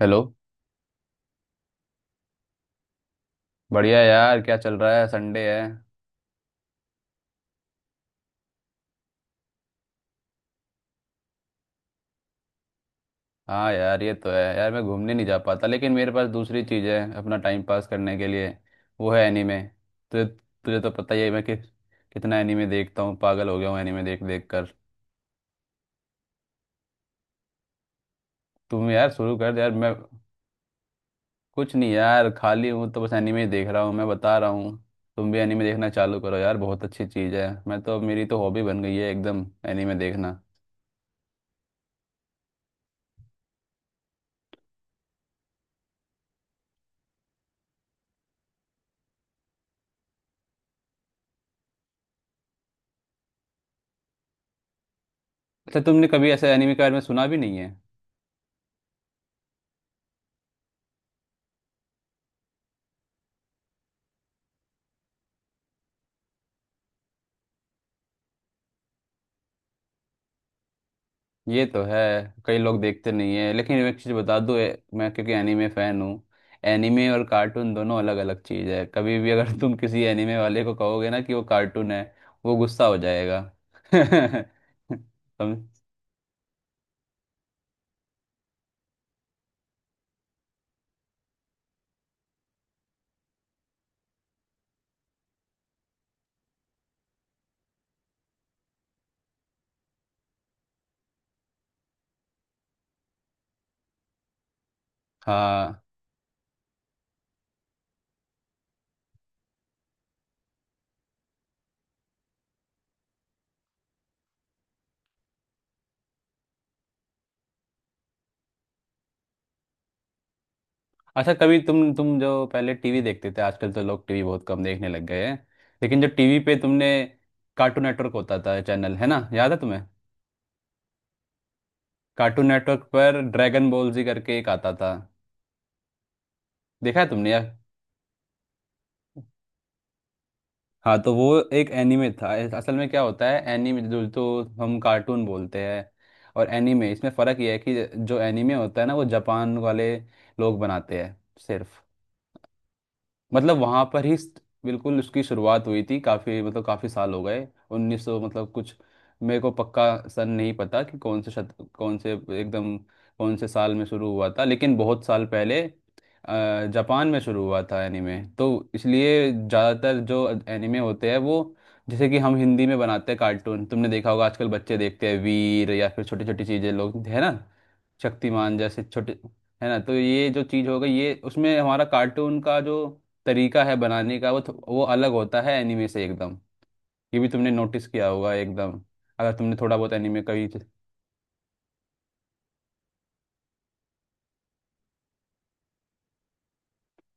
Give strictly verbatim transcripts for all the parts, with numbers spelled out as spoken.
Hello. बढ़िया यार, क्या चल रहा है? संडे है। हाँ यार, ये तो है यार। मैं घूमने नहीं जा पाता, लेकिन मेरे पास दूसरी चीज़ है अपना टाइम पास करने के लिए। वो है एनीमे। तुझे तुझे तो पता ही है मैं कि, कितना एनीमे देखता हूँ। पागल हो गया हूँ एनीमे देख देख कर। तुम यार शुरू कर दे यार। मैं कुछ नहीं यार खाली हूँ तो बस एनीमे ही देख रहा हूँ, मैं बता रहा हूँ। तुम भी एनीमे देखना चालू करो यार, बहुत अच्छी चीज़ है। मैं तो मेरी तो हॉबी बन गई है एकदम, एनीमे देखना। अच्छा, तुमने कभी ऐसे एनीमे के बारे में सुना भी नहीं है? ये तो है, कई लोग देखते नहीं है। लेकिन एक चीज बता दूं, ए- मैं क्योंकि एनीमे फैन हूँ। एनीमे और कार्टून दोनों अलग अलग चीज है। कभी भी अगर तुम किसी एनीमे वाले को कहोगे ना कि वो कार्टून है, वो गुस्सा हो जाएगा। तुम। हाँ। अच्छा, कभी तुम तुम जो पहले टीवी देखते थे, आजकल तो लोग टीवी बहुत कम देखने लग गए हैं। लेकिन जो टीवी पे तुमने, कार्टून नेटवर्क होता था चैनल, है ना, याद है तुम्हें? कार्टून नेटवर्क पर ड्रैगन बॉल जी करके एक आता था, देखा है तुमने यार? हाँ, तो वो एक एनीमे था। इस- असल में क्या होता है, एनीमे जो तो हम कार्टून बोलते हैं, और एनीमे, इसमें फ़र्क ये है कि जो एनीमे होता है ना वो जापान वाले लोग बनाते हैं सिर्फ। मतलब वहां पर ही स्ट- बिल्कुल उसकी शुरुआत हुई थी। काफी मतलब काफी साल हो गए, उन्नीस सौ मतलब कुछ, मेरे को पक्का सन नहीं पता कि कौन से शत कौन से एकदम कौन से साल में शुरू हुआ था, लेकिन बहुत साल पहले अ, जापान में शुरू हुआ था एनीमे। तो इसलिए ज़्यादातर जो एनीमे होते हैं, वो, जैसे कि हम हिंदी में बनाते हैं कार्टून, तुमने देखा होगा आजकल बच्चे देखते हैं वीर, या फिर छोटी छोटी चीज़ें लोग, है ना, शक्तिमान जैसे छोटे, है ना, तो ये जो चीज़ हो गई, ये, उसमें हमारा कार्टून का जो तरीका है बनाने का, वो थो- वो अलग होता है एनिमे से एकदम। ये भी तुमने नोटिस किया होगा एकदम, अगर तुमने थोड़ा बहुत एनिमे कभी।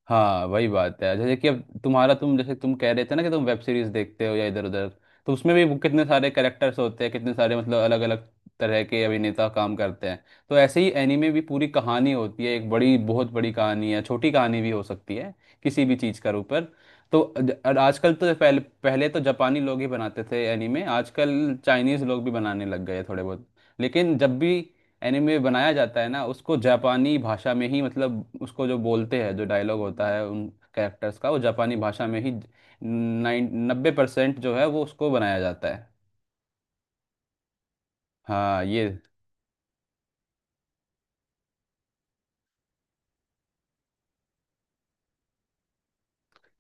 हाँ वही बात है। जैसे कि अब तुम्हारा तुम जैसे तुम कह रहे थे ना कि तुम वेब सीरीज देखते हो या इधर उधर, तो उसमें भी वो कितने सारे कैरेक्टर्स होते हैं, कितने सारे मतलब अलग अलग तरह के अभिनेता काम करते हैं। तो ऐसे ही एनीमे भी, पूरी कहानी होती है, एक बड़ी बहुत बड़ी कहानी है, छोटी कहानी भी हो सकती है, किसी भी चीज़ का ऊपर। तो अज- और आजकल तो, पहले पहले तो जापानी लोग ही बनाते थे एनीमे, आजकल चाइनीज लोग भी बनाने लग गए थोड़े बहुत। लेकिन जब भी एनिमे बनाया जाता है ना, उसको जापानी भाषा में ही, मतलब उसको जो बोलते हैं, जो डायलॉग होता है उन कैरेक्टर्स का, वो जापानी भाषा में ही, नाइन नब्बे परसेंट जो है वो, उसको बनाया जाता है। हाँ ये।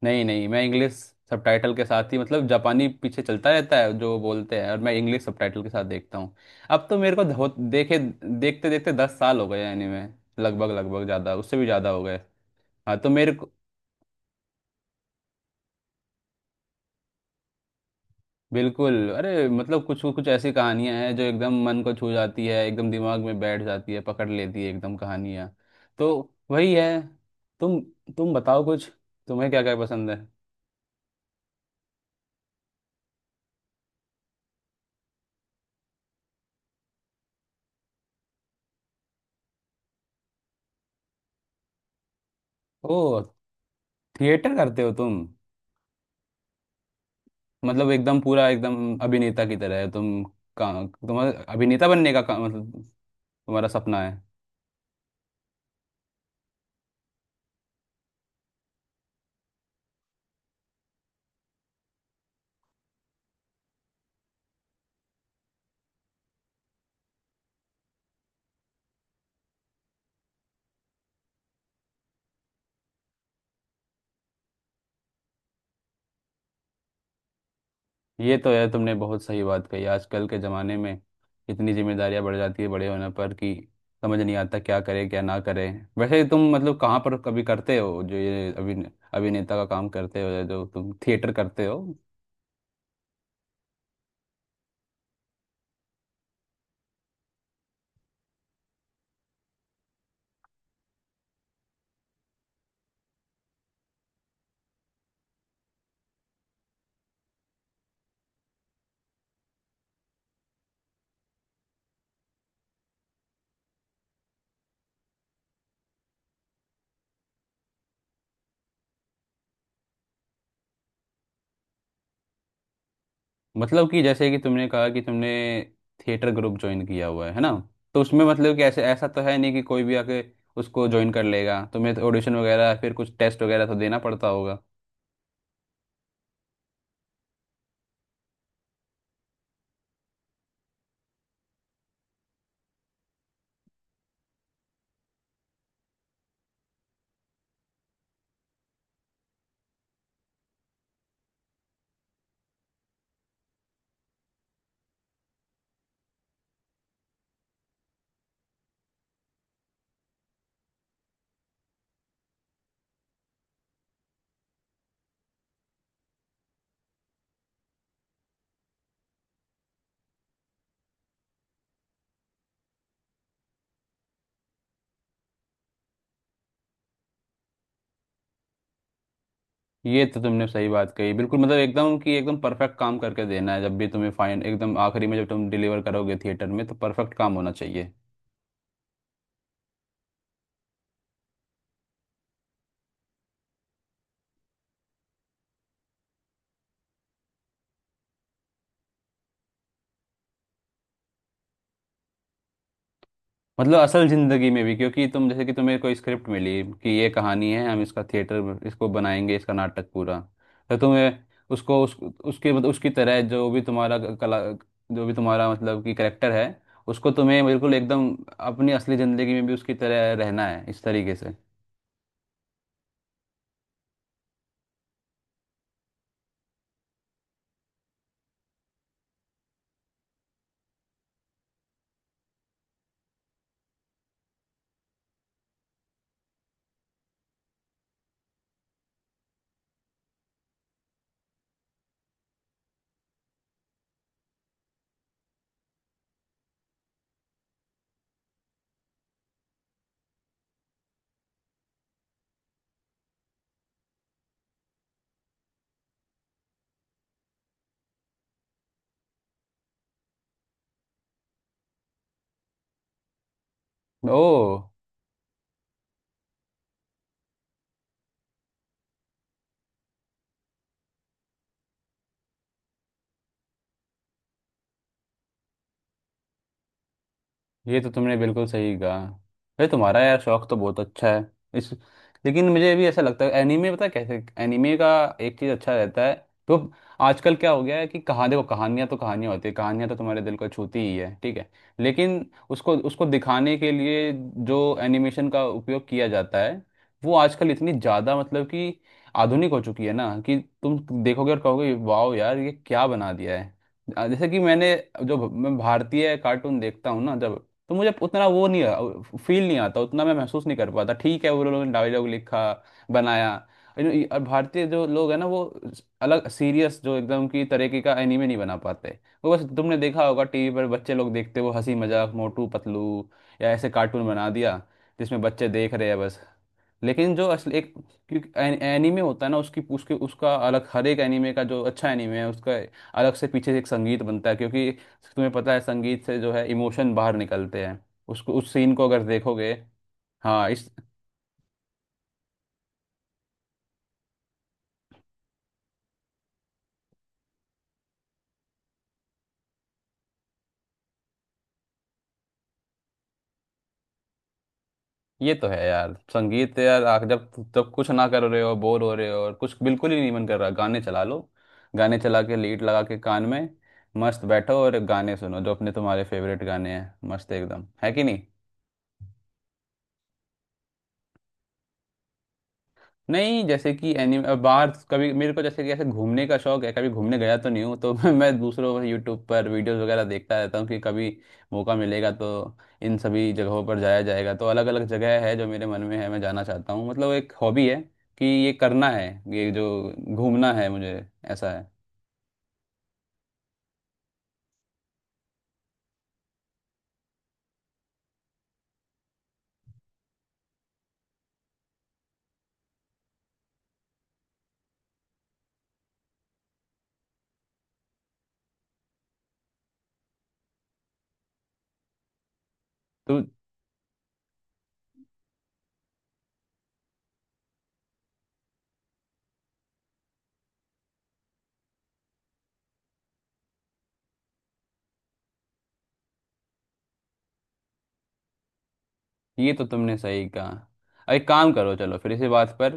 नहीं नहीं, मैं इंग्लिश सबटाइटल के साथ ही, मतलब जापानी पीछे चलता रहता है जो बोलते हैं, और मैं इंग्लिश सबटाइटल के साथ देखता हूँ। अब तो मेरे को धो- देखे, देखते देखते दस साल हो गए एनिमे, लगभग लगभग, ज़्यादा, उससे भी ज़्यादा हो गए। हाँ तो मेरे, बिल्कुल, अरे मतलब कुछ कुछ ऐसी कहानियां हैं जो एकदम मन को छू जाती है, एकदम दिमाग में बैठ जाती है, पकड़ लेती है एकदम कहानियां। तो वही है। तुम तुम बताओ कुछ, तुम्हें क्या क्या पसंद है? ओ, थिएटर करते हो तुम? मतलब एकदम पूरा एकदम अभिनेता की तरह है तुम का तुम्हारा अभिनेता बनने का, का मतलब तुम्हारा सपना है? ये तो है, तुमने बहुत सही बात कही, आजकल के ज़माने में इतनी जिम्मेदारियां बढ़ जाती है बड़े होने पर कि समझ नहीं आता क्या करे क्या ना करे। वैसे तुम मतलब कहाँ पर कभी करते हो जो ये अभिन अभिनेता का काम करते हो, या जो तुम थिएटर करते हो? मतलब कि, जैसे कि तुमने कहा कि तुमने थिएटर ग्रुप ज्वाइन किया हुआ है है ना, तो उसमें मतलब कि ऐसे, ऐसा तो है नहीं कि कोई भी आके उसको ज्वाइन कर लेगा, तुम्हें तो ऑडिशन वगैरह, फिर कुछ टेस्ट वगैरह तो देना पड़ता होगा। ये तो तुमने सही बात कही बिल्कुल। मतलब एकदम कि एकदम परफेक्ट काम करके देना है जब भी तुम्हें, फाइन, एकदम आखिरी में जब तुम डिलीवर करोगे थिएटर में, तो परफेक्ट काम होना चाहिए। मतलब असल जिंदगी में भी, क्योंकि तुम, जैसे कि तुम्हें कोई स्क्रिप्ट मिली कि ये कहानी है, हम इसका थिएटर, इसको बनाएंगे इसका नाटक पूरा, तो तुम्हें उसको उस, उसके मतलब उसकी तरह, जो भी तुम्हारा कला, जो भी तुम्हारा मतलब कि करेक्टर है, उसको तुम्हें बिल्कुल एकदम अपनी असली जिंदगी में भी उसकी तरह रहना है इस तरीके से। ओ। ये तो तुमने बिल्कुल सही कहा। भाई तुम्हारा यार शौक तो बहुत अच्छा है इस, लेकिन मुझे भी ऐसा लगता है एनीमे, पता है कैसे, एनीमे का एक चीज़ अच्छा रहता है। तो आजकल क्या हो गया है कि, कहा देखो, कहानियां तो कहानियां होती है, कहानियां तो तुम्हारे दिल को छूती ही है, ठीक है, लेकिन उसको उसको दिखाने के लिए जो एनिमेशन का उपयोग किया जाता है, वो आजकल इतनी ज़्यादा मतलब कि आधुनिक हो चुकी है ना कि तुम देखोगे और कहोगे वाओ यार, ये क्या बना दिया है। अ, जैसे कि मैंने, जो मैं भारतीय कार्टून देखता हूँ ना जब, तो मुझे उतना वो नहीं, फील नहीं आता, उतना मैं महसूस नहीं कर पाता। ठीक है वो लोगों ने डायलॉग लिखा, बनाया, लेकिन ये- और भारतीय जो लोग हैं ना, वो अलग सीरियस जो एकदम की तरीके का एनीमे नहीं बना पाते। वो बस, तुमने देखा होगा टीवी पर बच्चे लोग देखते वो हंसी मजाक, मोटू पतलू या ऐसे कार्टून बना दिया जिसमें बच्चे देख रहे हैं बस। लेकिन जो असल एक, क्योंकि एन- एनीमे होता है ना, उसकी उसके उसका अलग, हर एक एनीमे का, जो अच्छा एनीमे है उसका, अलग से पीछे एक संगीत बनता है, क्योंकि तुम्हें पता है संगीत से जो है इमोशन बाहर निकलते हैं, उसको उस सीन को अगर देखोगे। हाँ इस, ये तो है यार, संगीत है यार। आ- जब, जब कुछ ना कर रहे हो, बोर हो रहे हो और कुछ बिल्कुल ही नहीं मन कर रहा, गाने चला लो, गाने चला के लीड लगा के कान में, मस्त बैठो और गाने सुनो, जो अपने तुम्हारे फेवरेट गाने हैं, मस्त एकदम, है कि नहीं? नहीं, जैसे कि एनिमे बाहर कभी मेरे को, जैसे कि ऐसे घूमने का शौक है, कभी घूमने गया तो नहीं हूँ, तो मैं दूसरों यूट्यूब पर वीडियोस वगैरह देखता रहता हूँ कि कभी मौका मिलेगा तो इन सभी जगहों पर जाया जाएगा। तो अलग अलग जगह है जो मेरे मन में है, मैं जाना चाहता हूँ, मतलब एक हॉबी है कि ये करना है, ये जो घूमना है मुझे, ऐसा है। तो ये तो तुमने सही कहा। एक काम करो, चलो फिर इसी बात पर,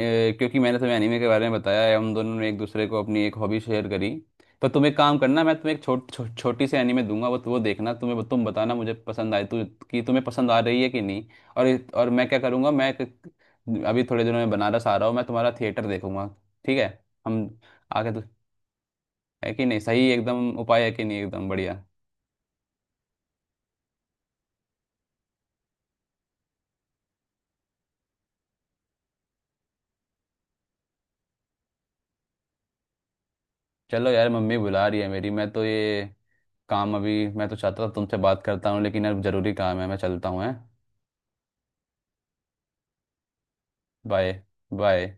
ए, क्योंकि मैंने तुम्हें एनीमे के बारे में बताया है, हम दोनों ने एक दूसरे को अपनी एक हॉबी शेयर करी, तो तुम एक काम करना, मैं तुम्हें एक छोट छो, छोटी सी एनीमे दूंगा, वो वो देखना, तुम्हें, तुम बताना मुझे पसंद आए तु, कि तुम्हें पसंद आ रही है कि नहीं। और इस- और मैं क्या करूँगा, मैं एक- अभी थोड़े दिनों में बनारस आ रहा हूँ, मैं तुम्हारा थिएटर देखूंगा। ठीक है हम, आगे तो, है कि नहीं सही, एकदम उपाय है कि नहीं एकदम बढ़िया? चलो यार, मम्मी बुला रही है मेरी, मैं तो ये काम अभी, मैं तो चाहता था तुमसे बात करता हूँ, लेकिन अब जरूरी काम है, मैं चलता हूँ, है। बाय। बाय।